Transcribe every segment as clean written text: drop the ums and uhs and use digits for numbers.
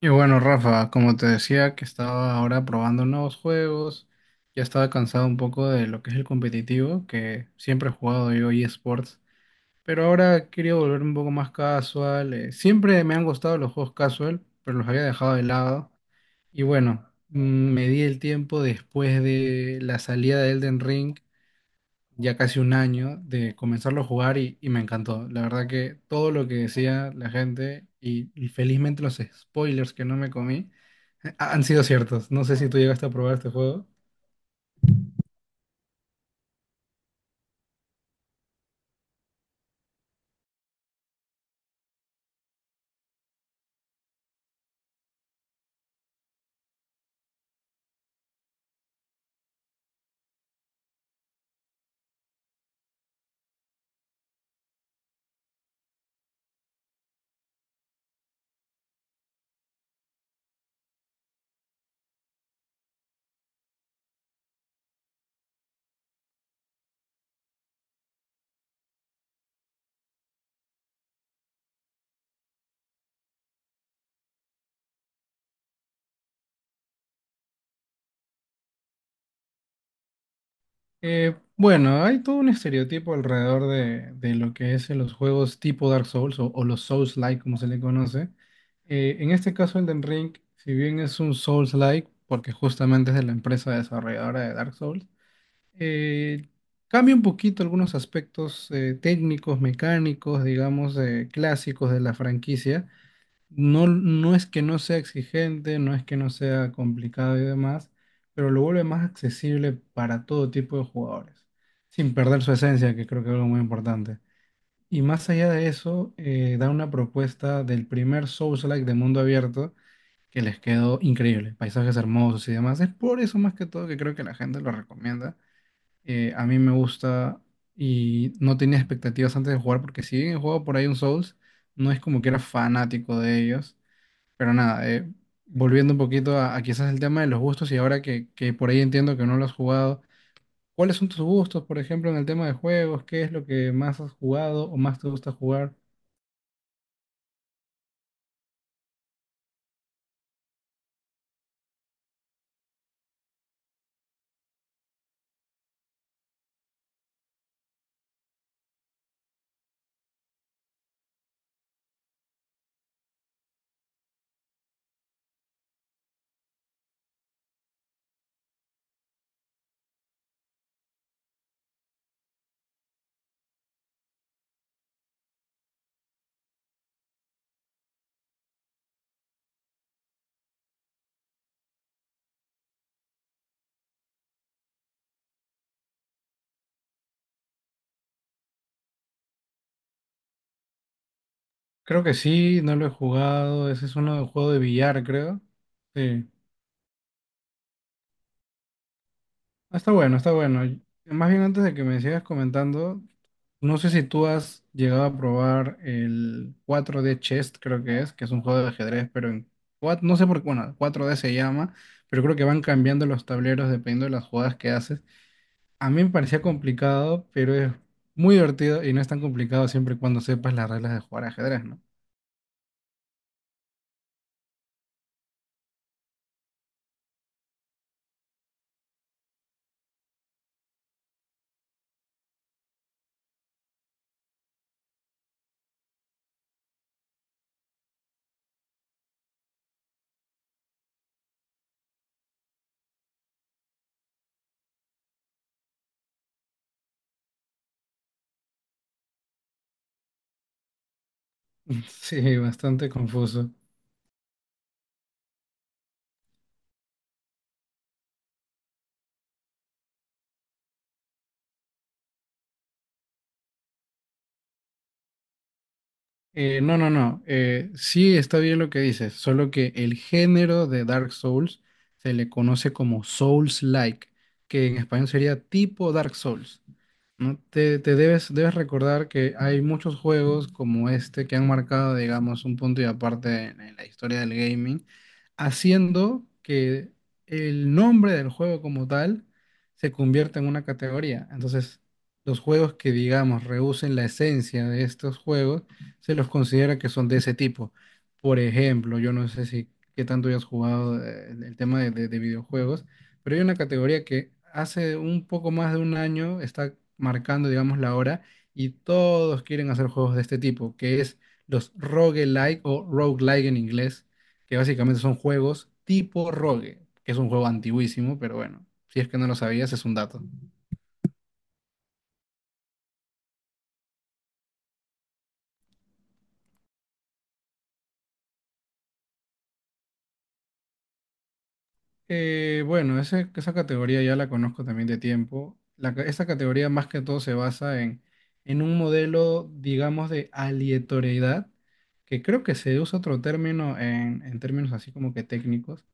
Y bueno, Rafa, como te decía, que estaba ahora probando nuevos juegos, ya estaba cansado un poco de lo que es el competitivo, que siempre he jugado yo eSports, pero ahora quería volver un poco más casual. Siempre me han gustado los juegos casual, pero los había dejado de lado. Y bueno, me di el tiempo después de la salida de Elden Ring ya casi un año de comenzarlo a jugar y me encantó. La verdad que todo lo que decía la gente y felizmente los spoilers que no me comí han sido ciertos. No sé si tú llegaste a probar este juego. Bueno, hay todo un estereotipo alrededor de lo que es en los juegos tipo Dark Souls o los Souls-like, como se le conoce. En este caso, Elden Ring, si bien es un Souls-like, porque justamente es de la empresa desarrolladora de Dark Souls, eh, cambia un poquito algunos aspectos técnicos, mecánicos, digamos, clásicos de la franquicia. No es que no sea exigente, no es que no sea complicado y demás, pero lo vuelve más accesible para todo tipo de jugadores, sin perder su esencia, que creo que es algo muy importante. Y más allá de eso, da una propuesta del primer Souls-like de mundo abierto que les quedó increíble, paisajes hermosos y demás. Es por eso más que todo que creo que la gente lo recomienda, a mí me gusta y no tenía expectativas antes de jugar porque si bien he jugado por ahí un Souls, no es como que era fanático de ellos. Pero nada, volviendo un poquito a quizás el tema de los gustos y ahora que por ahí entiendo que no lo has jugado, ¿cuáles son tus gustos, por ejemplo, en el tema de juegos? ¿Qué es lo que más has jugado o más te gusta jugar? Creo que sí, no lo he jugado. Ese es uno de juego de billar, creo. Sí. Ah, está bueno, está bueno. Más bien antes de que me sigas comentando, no sé si tú has llegado a probar el cuatro d Chess, creo que es un juego de ajedrez, pero en cuatro no sé por qué, bueno, cuatro d se llama, pero creo que van cambiando los tableros dependiendo de las jugadas que haces. A mí me parecía complicado, pero es muy divertido y no es tan complicado siempre y cuando sepas las reglas de jugar ajedrez, ¿no? Sí, bastante confuso. No, no, no. Sí está bien lo que dices, solo que el género de Dark Souls se le conoce como Souls-like, que en español sería tipo Dark Souls. ¿No? Debes recordar que hay muchos juegos como este que han marcado, digamos, un punto y aparte en la historia del gaming, haciendo que el nombre del juego como tal se convierta en una categoría. Entonces, los juegos que, digamos, rehúsen la esencia de estos juegos, se los considera que son de ese tipo. Por ejemplo, yo no sé si qué tanto hayas jugado, el tema de de videojuegos, pero hay una categoría que hace un poco más de un año está marcando, digamos, la hora y todos quieren hacer juegos de este tipo, que es los roguelike o roguelike en inglés, que básicamente son juegos tipo rogue, que es un juego antiguísimo, pero bueno, si es que no lo sabías, es un dato. Esa categoría ya la conozco también de tiempo. Esa categoría más que todo se basa en un modelo, digamos, de aleatoriedad, que creo que se usa otro término en términos así como que técnicos,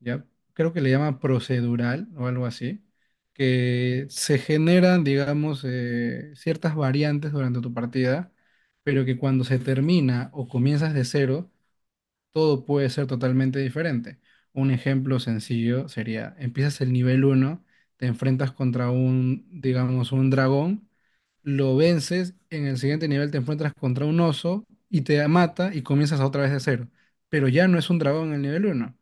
¿ya? Creo que le llama procedural o algo así, que se generan, digamos, ciertas variantes durante tu partida, pero que cuando se termina o comienzas de cero, todo puede ser totalmente diferente. Un ejemplo sencillo sería, empiezas el nivel uno, te enfrentas contra un, digamos, un dragón, lo vences, en el siguiente nivel te enfrentas contra un oso y te mata y comienzas otra vez de cero. Pero ya no es un dragón en el nivel uno.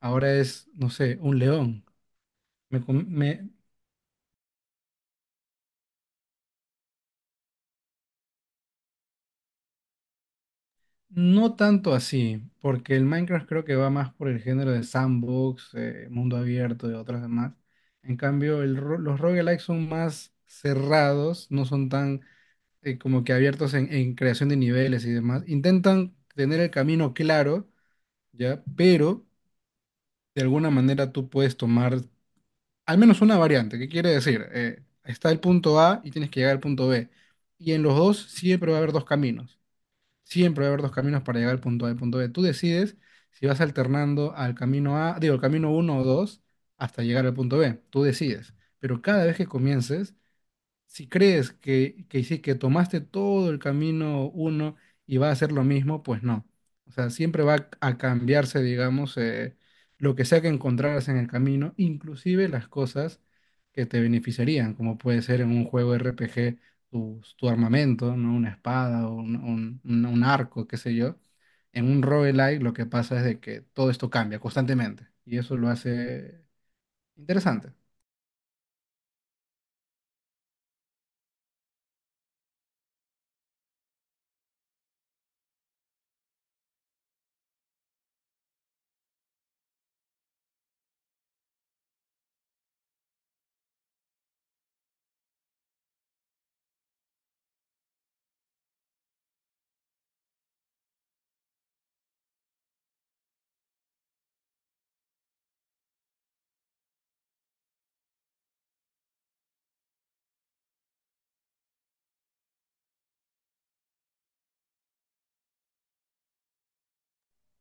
Ahora es, no sé, un león. Me, com- me- No tanto así, porque el Minecraft creo que va más por el género de sandbox, mundo abierto y otras demás. En cambio, los roguelikes son más cerrados, no son tan como que abiertos en creación de niveles y demás. Intentan tener el camino claro, ¿ya? Pero de alguna manera tú puedes tomar al menos una variante. ¿Qué quiere decir? Está el punto A y tienes que llegar al punto B. Y en los dos siempre va a haber dos caminos. Siempre va a haber dos caminos para llegar al punto A y al punto B. Tú decides si vas alternando al camino A, digo, al camino uno o 2 hasta llegar al punto B. Tú decides. Pero cada vez que comiences, si crees que tomaste todo el camino uno y va a ser lo mismo, pues no. O sea, siempre va a cambiarse, digamos, lo que sea que encontraras en el camino, inclusive las cosas que te beneficiarían, como puede ser en un juego RPG tu armamento, ¿no? Una espada o un, un arco, qué sé yo. En un roguelike lo que pasa es de que todo esto cambia constantemente y eso lo hace interesante.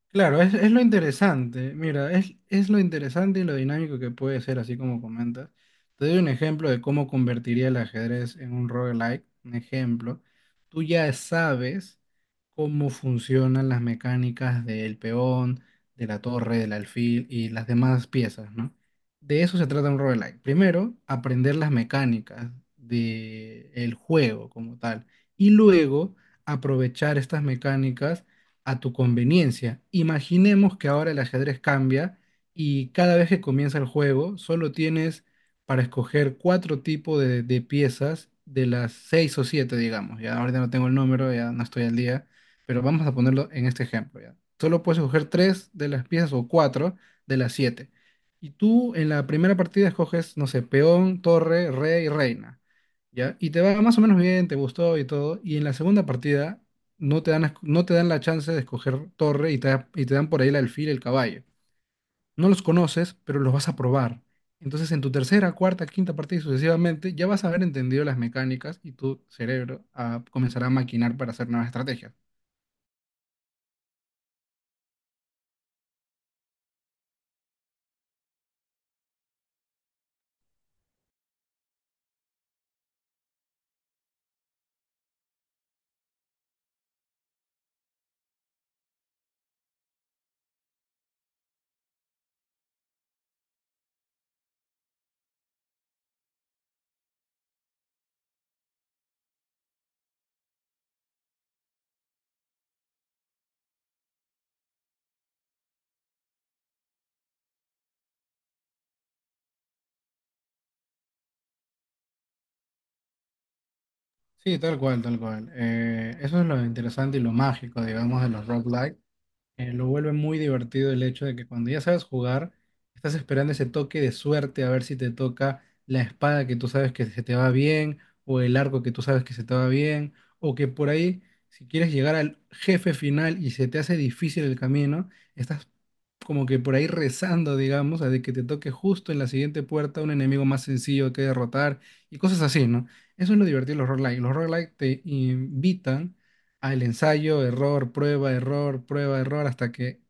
Claro, es lo interesante, mira, es lo interesante y lo dinámico que puede ser, así como comentas. Te doy un ejemplo de cómo convertiría el ajedrez en un roguelike. Un ejemplo, tú ya sabes cómo funcionan las mecánicas del peón, de la torre, del alfil y las demás piezas, ¿no? De eso se trata un roguelike. Primero, aprender las mecánicas del juego como tal y luego aprovechar estas mecánicas a tu conveniencia. Imaginemos que ahora el ajedrez cambia y cada vez que comienza el juego solo tienes para escoger cuatro tipos de piezas de las seis o siete, digamos. Ya ahorita no tengo el número, ya no estoy al día, pero vamos a ponerlo en este ejemplo, ya. Solo puedes escoger tres de las piezas o cuatro de las siete. Y tú en la primera partida escoges, no sé, peón, torre, rey, reina. ¿Ya? Y te va más o menos bien, te gustó y todo. Y en la segunda partida no te dan, no te dan la chance de escoger torre y te dan por ahí el alfil y el caballo. No los conoces, pero los vas a probar. Entonces, en tu tercera, cuarta, quinta partida y sucesivamente, ya vas a haber entendido las mecánicas y tu cerebro comenzará a maquinar para hacer nuevas estrategias. Sí, tal cual, tal cual. Eso es lo interesante y lo mágico, digamos, de los roguelikes, lo vuelve muy divertido el hecho de que cuando ya sabes jugar, estás esperando ese toque de suerte a ver si te toca la espada que tú sabes que se te va bien, o el arco que tú sabes que se te va bien, o que por ahí, si quieres llegar al jefe final y se te hace difícil el camino, estás como que por ahí rezando, digamos, a de que te toque justo en la siguiente puerta un enemigo más sencillo que derrotar y cosas así, ¿no? Eso es lo divertido de los roguelike. Los roguelike te invitan, el ensayo, error, prueba, error, prueba, error, hasta que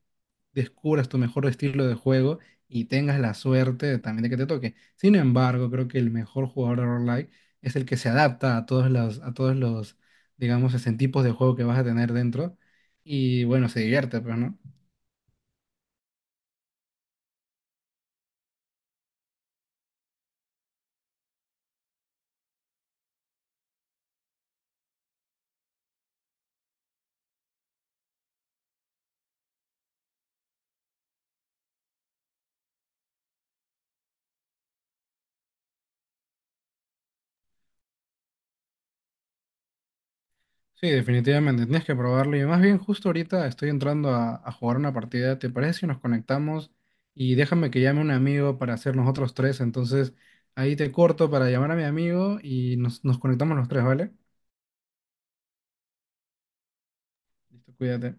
descubras tu mejor estilo de juego y tengas la suerte también de que te toque. Sin embargo, creo que el mejor jugador de roguelike es el que se adapta a todos los, digamos, ese tipos de juego que vas a tener dentro y bueno, se divierte, pues, ¿no? Sí, definitivamente, tienes que probarlo. Y más bien, justo ahorita estoy entrando a jugar una partida. ¿Te parece si nos conectamos? Y déjame que llame un amigo para hacer nosotros tres. Entonces, ahí te corto para llamar a mi amigo y nos conectamos los tres, ¿vale? Listo, cuídate.